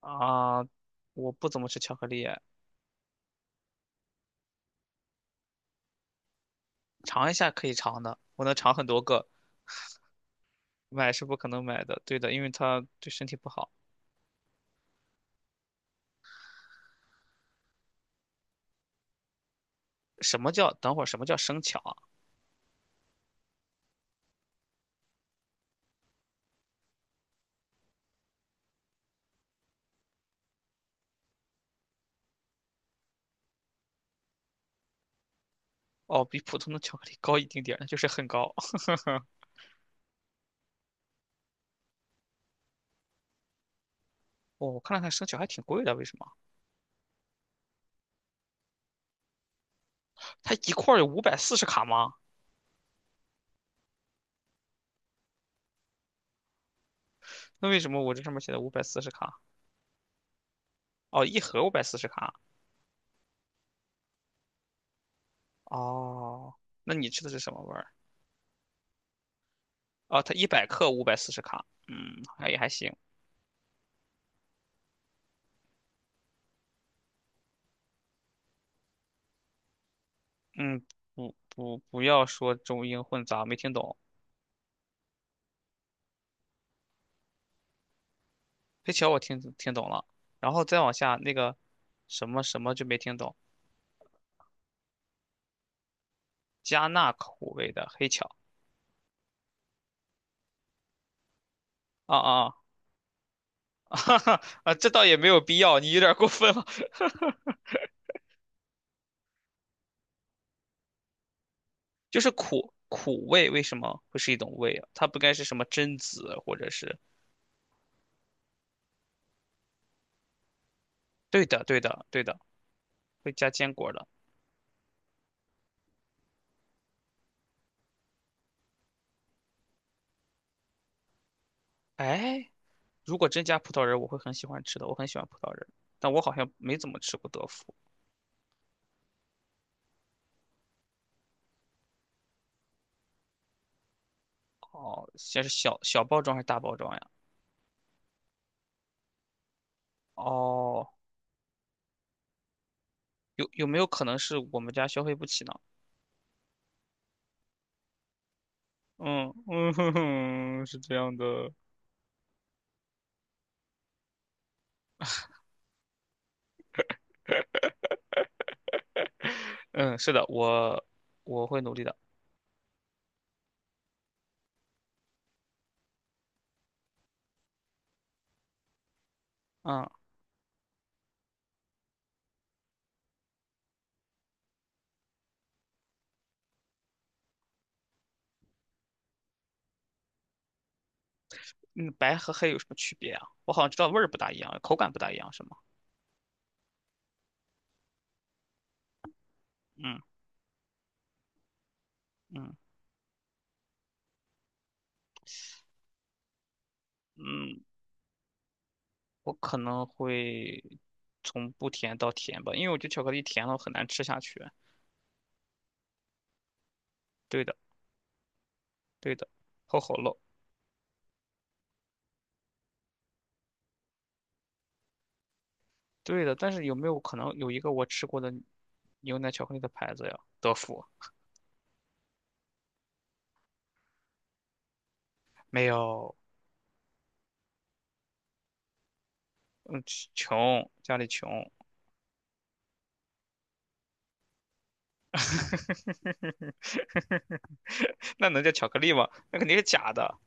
啊，我不怎么吃巧克力，尝一下可以尝的，我能尝很多个，买是不可能买的，对的，因为它对身体不好。什么叫等会儿？什么叫生巧啊？哦，比普通的巧克力高一丁点儿，那就是很高。哦，我看了看生巧还挺贵的，为什么？它一块儿有五百四十卡吗？那为什么我这上面写的五百四十卡？哦，一盒五百四十卡。哦，那你吃的是什么味儿？哦，它100克540卡。嗯，好像也还行。嗯，不要说中英混杂，没听懂。黑巧我听懂了，然后再往下那个什么什么就没听懂，加纳口味的黑巧啊啊啊，哈哈啊，这倒也没有必要，你有点过分了。就是苦味为什么会是一种味啊？它不该是什么榛子或者是？对的对的对的，会加坚果的。哎，如果真加葡萄仁儿，我会很喜欢吃的，我很喜欢葡萄仁儿，但我好像没怎么吃过德芙。哦，先是小小包装还是大包装呀？哦，有没有可能是我们家消费不起呢？嗯嗯哼哼，是这样的，嗯，是的，我会努力的。嗯嗯，白和黑有什么区别啊？我好像知道味儿不大一样，口感不大一样，是吗？嗯嗯嗯，我可能会从不甜到甜吧，因为我觉得巧克力甜了很难吃下去。对的对的，齁齁漏。对的，但是有没有可能有一个我吃过的牛奶巧克力的牌子呀？德芙没有，嗯，穷，家里穷。那能叫巧克力吗？那肯定是假的，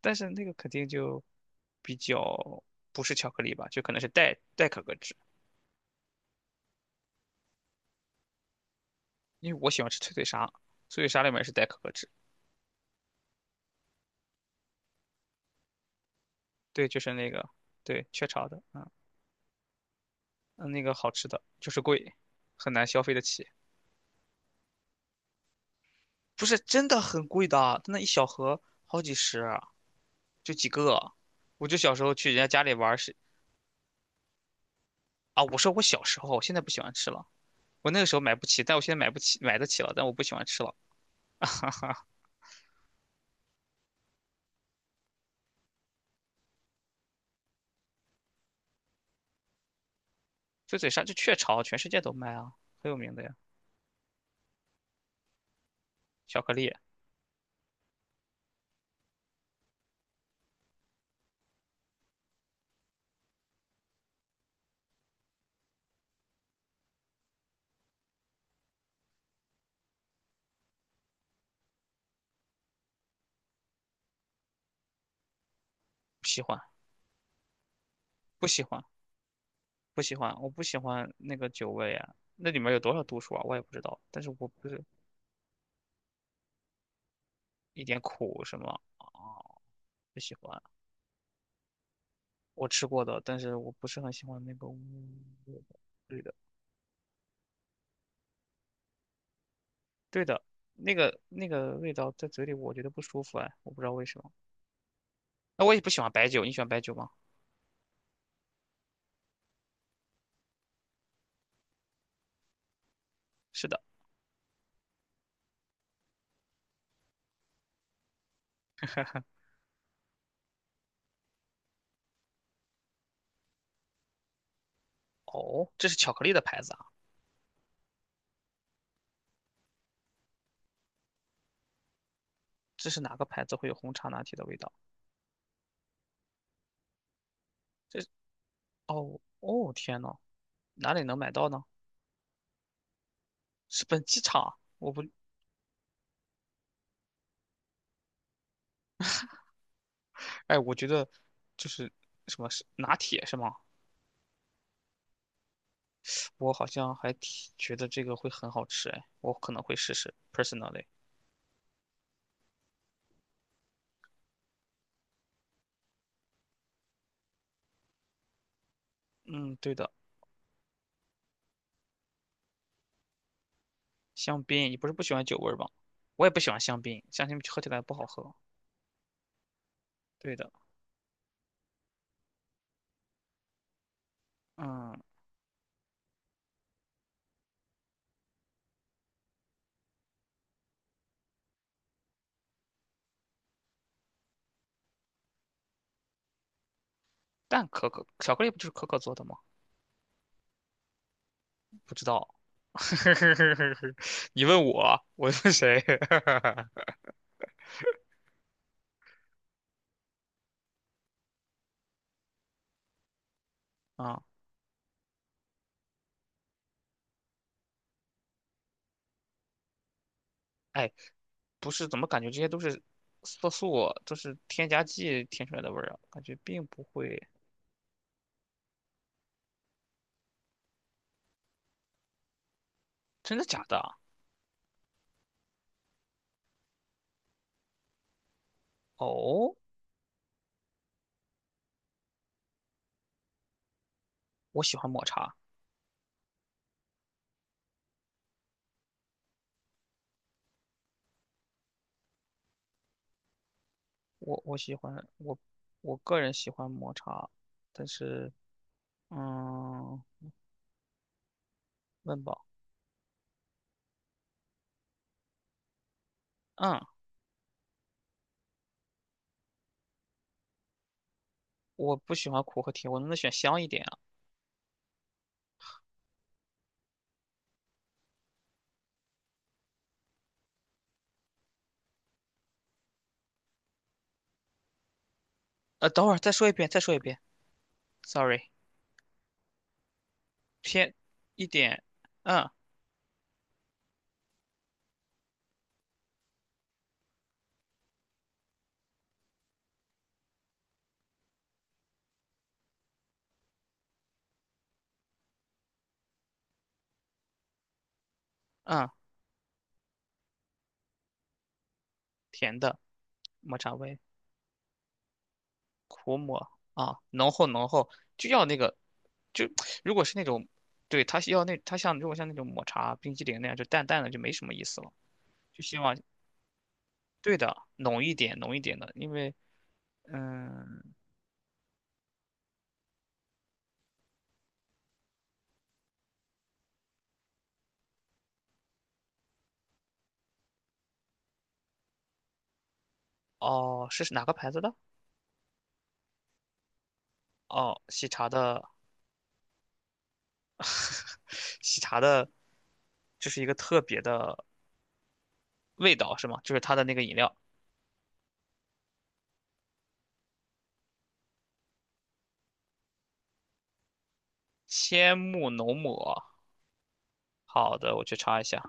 但是那个肯定就比较不是巧克力吧，就可能是代可可脂，因为我喜欢吃脆脆鲨，脆脆鲨里面是代可可脂，对，就是那个，对，雀巢的，嗯嗯那个好吃的，就是贵，很难消费得起，不是真的很贵的，它那一小盒好几十啊，就几个，我就小时候去人家家里玩儿是啊，我说我小时候，现在不喜欢吃了。我那个时候买不起，但我现在买不起，买得起了，但我不喜欢吃了。就嘴鲨，就雀巢，全世界都卖啊，很有名的呀。巧克力不喜欢，不喜欢，不喜欢，我不喜欢那个酒味啊。那里面有多少度数啊？我也不知道。但是我不是一点苦什么啊，不喜欢。我吃过的，但是我不是很喜欢那个味道。对的，对的，那个味道在嘴里我觉得不舒服哎，我不知道为什么。那我也不喜欢白酒，你喜欢白酒吗？是的，哦，这是巧克力的牌子啊。这是哪个牌子会有红茶拿铁的味道？这哦哦天呐，哪里能买到呢？是本机场？我不，哎，我觉得就是什么是拿铁是吗？我好像还挺觉得这个会很好吃，哎，我可能会试试，personally。嗯，对的，香槟，你不是不喜欢酒味儿吗？我也不喜欢香槟，香槟喝起来不好喝。对的，嗯，但可可巧克力不就是可可做的吗？不知道，你问我，我问谁？啊、哎，不是怎么感觉这些都是色素，都是添加剂添出来的味儿啊？感觉并不会，真的假的？哦，我喜欢抹茶，我我喜欢我我个人喜欢抹茶，但是嗯，问吧，嗯，我不喜欢苦和甜，我能不能选香一点啊？呃，等会儿再说一遍，再说一遍，sorry,偏一点，嗯嗯，甜的抹茶味。苦抹啊，浓厚浓厚，就要那个，就如果是那种，对，它是要那它像如果像那种抹茶冰激凌那样，就淡淡的就没什么意思了，就希望对的浓一点浓一点的，因为嗯哦是哪个牌子的？哦，喜茶的 喜茶的，就是一个特别的味道是吗？就是它的那个饮料，千木浓抹。好的，我去查一下。